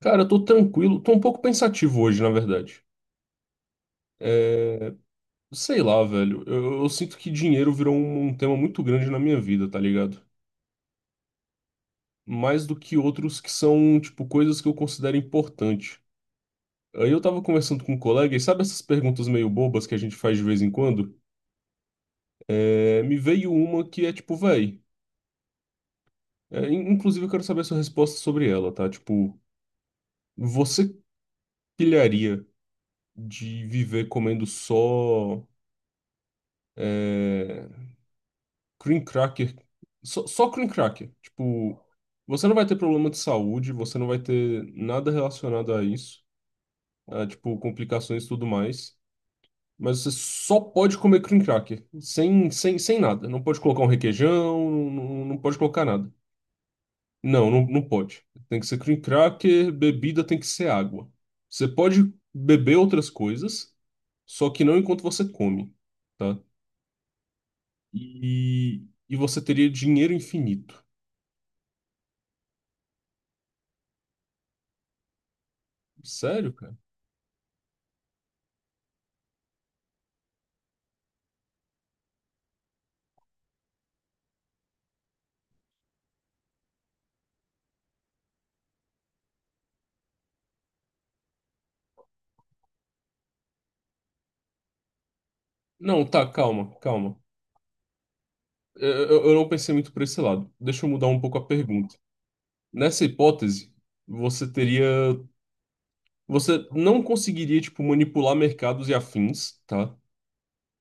Cara, eu tô tranquilo, tô um pouco pensativo hoje, na verdade. É, sei lá, velho, eu sinto que dinheiro virou um tema muito grande na minha vida, tá ligado? Mais do que outros que são, tipo, coisas que eu considero importante. Aí eu tava conversando com um colega e sabe essas perguntas meio bobas que a gente faz de vez em quando? Me veio uma que é tipo, véi, inclusive eu quero saber a sua resposta sobre ela, tá? Tipo, você pilharia de viver comendo só. é, Cream cracker. Só cream cracker. Tipo, você não vai ter problema de saúde, você não vai ter nada relacionado a isso, a, tipo, complicações e tudo mais. Mas você só pode comer cream cracker, sem nada. Não pode colocar um requeijão, não pode colocar nada. Não, não, não pode. Tem que ser cream cracker, bebida tem que ser água. Você pode beber outras coisas, só que não enquanto você come, tá? E você teria dinheiro infinito. Sério, cara? Não, tá, calma, calma. Eu não pensei muito por esse lado. Deixa eu mudar um pouco a pergunta. Nessa hipótese, você teria. Você não conseguiria, tipo, manipular mercados e afins, tá?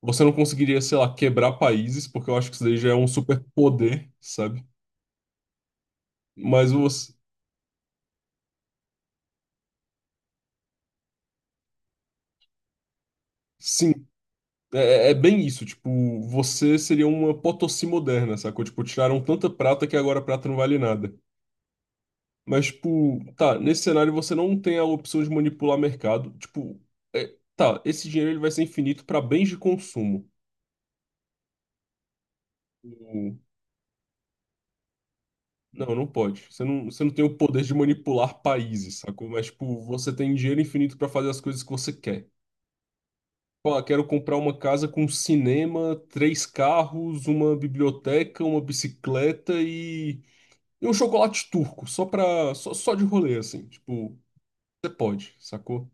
Você não conseguiria, sei lá, quebrar países, porque eu acho que isso daí já é um superpoder, sabe? Mas você. Sim, é bem isso. Tipo, você seria uma Potosí moderna, sacou? Tipo, tiraram tanta prata que agora a prata não vale nada. Mas, tipo, tá, nesse cenário você não tem a opção de manipular mercado. Tipo, tá, esse dinheiro ele vai ser infinito para bens de consumo. O- Não, não pode. Você não tem o poder de manipular países, sacou? Mas, tipo, você tem dinheiro infinito para fazer as coisas que você quer. Pô, ah, quero comprar uma casa com cinema, três carros, uma biblioteca, uma bicicleta e um chocolate turco, só pra, só, só de rolê, assim. Tipo, você pode, sacou?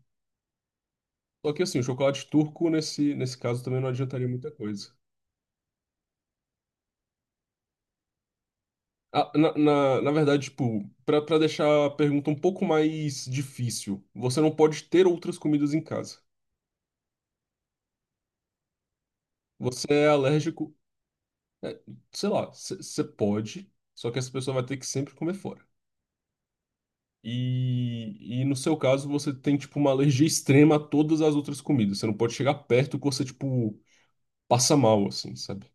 Só que assim, o chocolate turco nesse caso também não adiantaria muita coisa. Ah, na verdade, tipo, pra deixar a pergunta um pouco mais difícil, você não pode ter outras comidas em casa. Você é alérgico, é, sei lá, você pode, só que essa pessoa vai ter que sempre comer fora. E no seu caso, você tem, tipo, uma alergia extrema a todas as outras comidas. Você não pode chegar perto que você, tipo, passa mal, assim, sabe?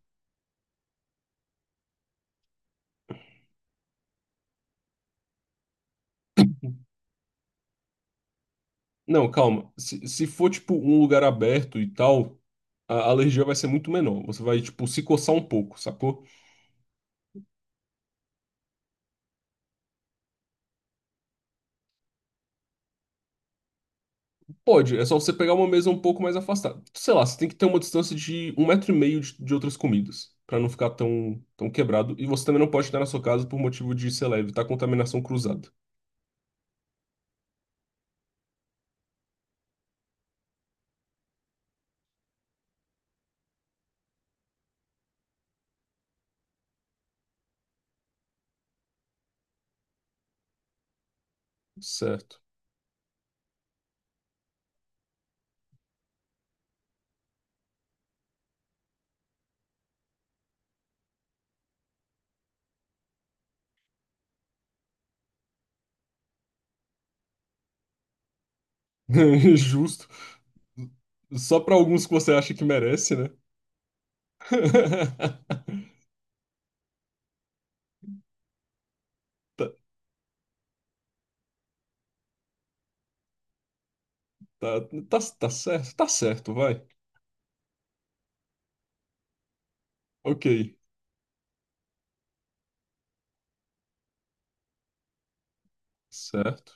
Não, calma. Se for, tipo, um lugar aberto e tal, a alergia vai ser muito menor. Você vai, tipo, se coçar um pouco, sacou? Pode, é só você pegar uma mesa um pouco mais afastada. Sei lá, você tem que ter uma distância de um metro e meio de outras comidas, pra não ficar tão, tão quebrado. E você também não pode estar na sua casa por motivo de, sei lá, evitar contaminação cruzada. Certo. Justo. Só para alguns que você acha que merece, né? Tá, tá, tá, tá certo, vai. Ok, certo.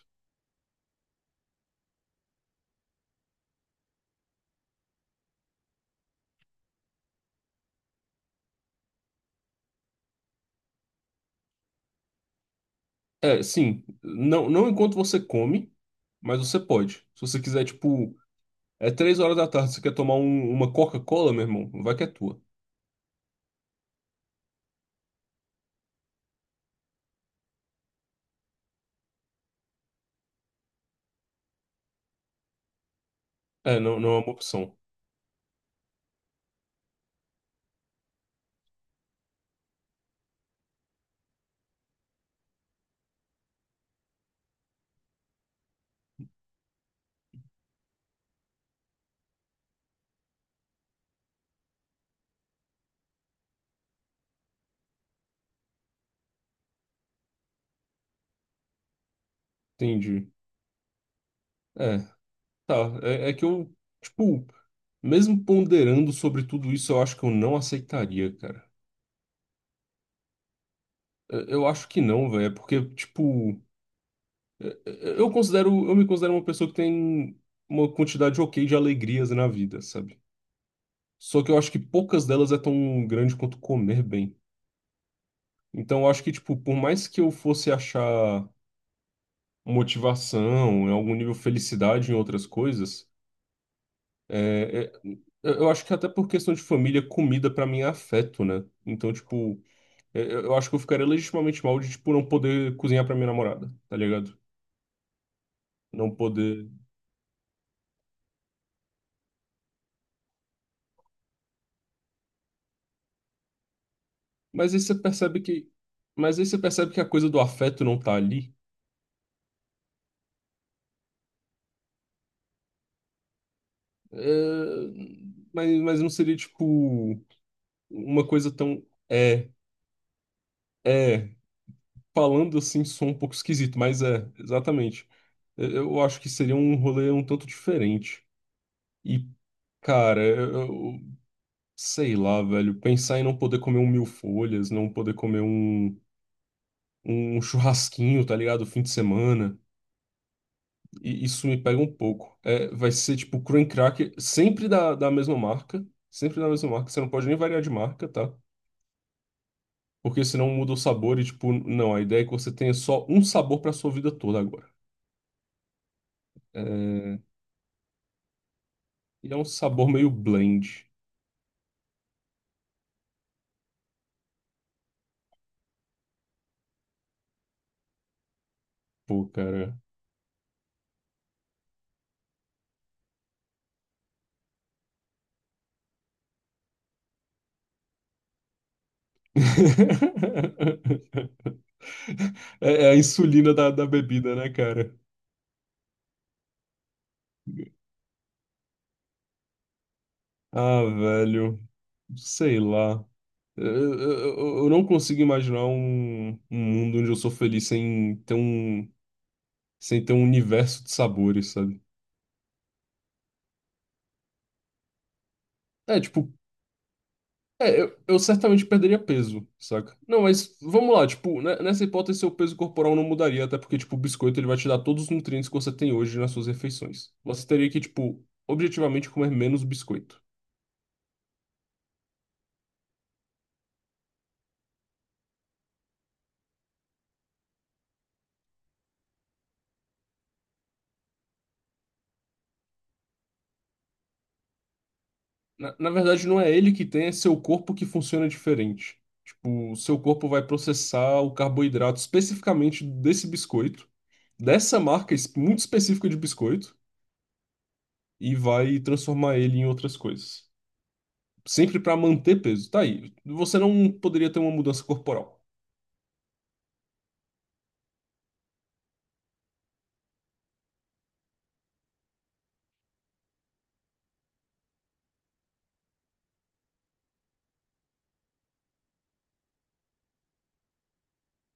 É, sim, não, não enquanto você come, mas você pode. Se você quiser, tipo, é três horas da tarde, você quer tomar uma Coca-Cola, meu irmão? Vai que é tua. É, não, não é uma opção. Entendi. É, tá. É, é que eu, tipo, mesmo ponderando sobre tudo isso, eu acho que eu não aceitaria, cara. Eu acho que não, velho. É porque, tipo. Eu considero, eu me considero uma pessoa que tem uma quantidade ok de alegrias na vida, sabe? Só que eu acho que poucas delas é tão grande quanto comer bem. Então eu acho que, tipo, por mais que eu fosse achar motivação, em algum nível felicidade em outras coisas, é, é- eu acho que até por questão de família, comida pra mim é afeto, né? Então, tipo, eu acho que eu ficaria legitimamente mal de, tipo, não poder cozinhar pra minha namorada, tá ligado? Não poder. Mas aí você percebe que, mas aí você percebe que a coisa do afeto não tá ali. É, mas não seria tipo uma coisa tão é é falando assim sou um pouco esquisito, mas é exatamente. Eu acho que seria um rolê um tanto diferente. E cara, eu, eu- sei lá, velho, pensar em não poder comer um mil folhas, não poder comer um churrasquinho, tá ligado? Fim de semana. E isso me pega um pouco. É, vai ser tipo cream cracker, sempre da mesma marca. Sempre da mesma marca. Você não pode nem variar de marca, tá? Porque senão muda o sabor e, tipo, não. A ideia é que você tenha só um sabor pra sua vida toda agora. É, e é um sabor meio blend. Pô, cara. É, é a insulina da bebida, né, cara? Ah, velho. Sei lá. Eu, eu, eu não consigo imaginar um, um mundo onde eu sou feliz sem ter um. Sem ter um universo de sabores, sabe? É, tipo, é, eu certamente perderia peso, saca? Não, mas vamos lá, tipo, né, nessa hipótese seu peso corporal não mudaria, até porque, tipo, o biscoito ele vai te dar todos os nutrientes que você tem hoje nas suas refeições. Você teria que, tipo, objetivamente comer menos biscoito. Na verdade, não é ele que tem, é seu corpo que funciona diferente. Tipo, o seu corpo vai processar o carboidrato especificamente desse biscoito, dessa marca muito específica de biscoito, e vai transformar ele em outras coisas. Sempre para manter peso. Tá aí. Você não poderia ter uma mudança corporal.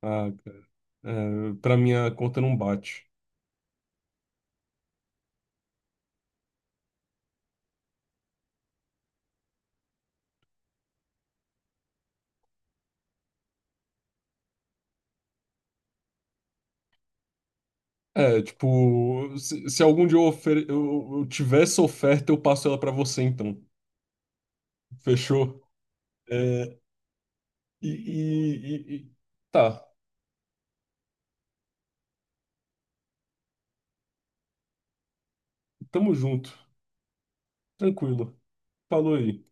Ah, cara. É, para minha conta não bate. É, tipo, se algum dia eu, eu tiver essa oferta, eu passo ela pra você, então. Fechou? É, e, e, e- e- Tá, tamo junto. Tranquilo. Falou aí.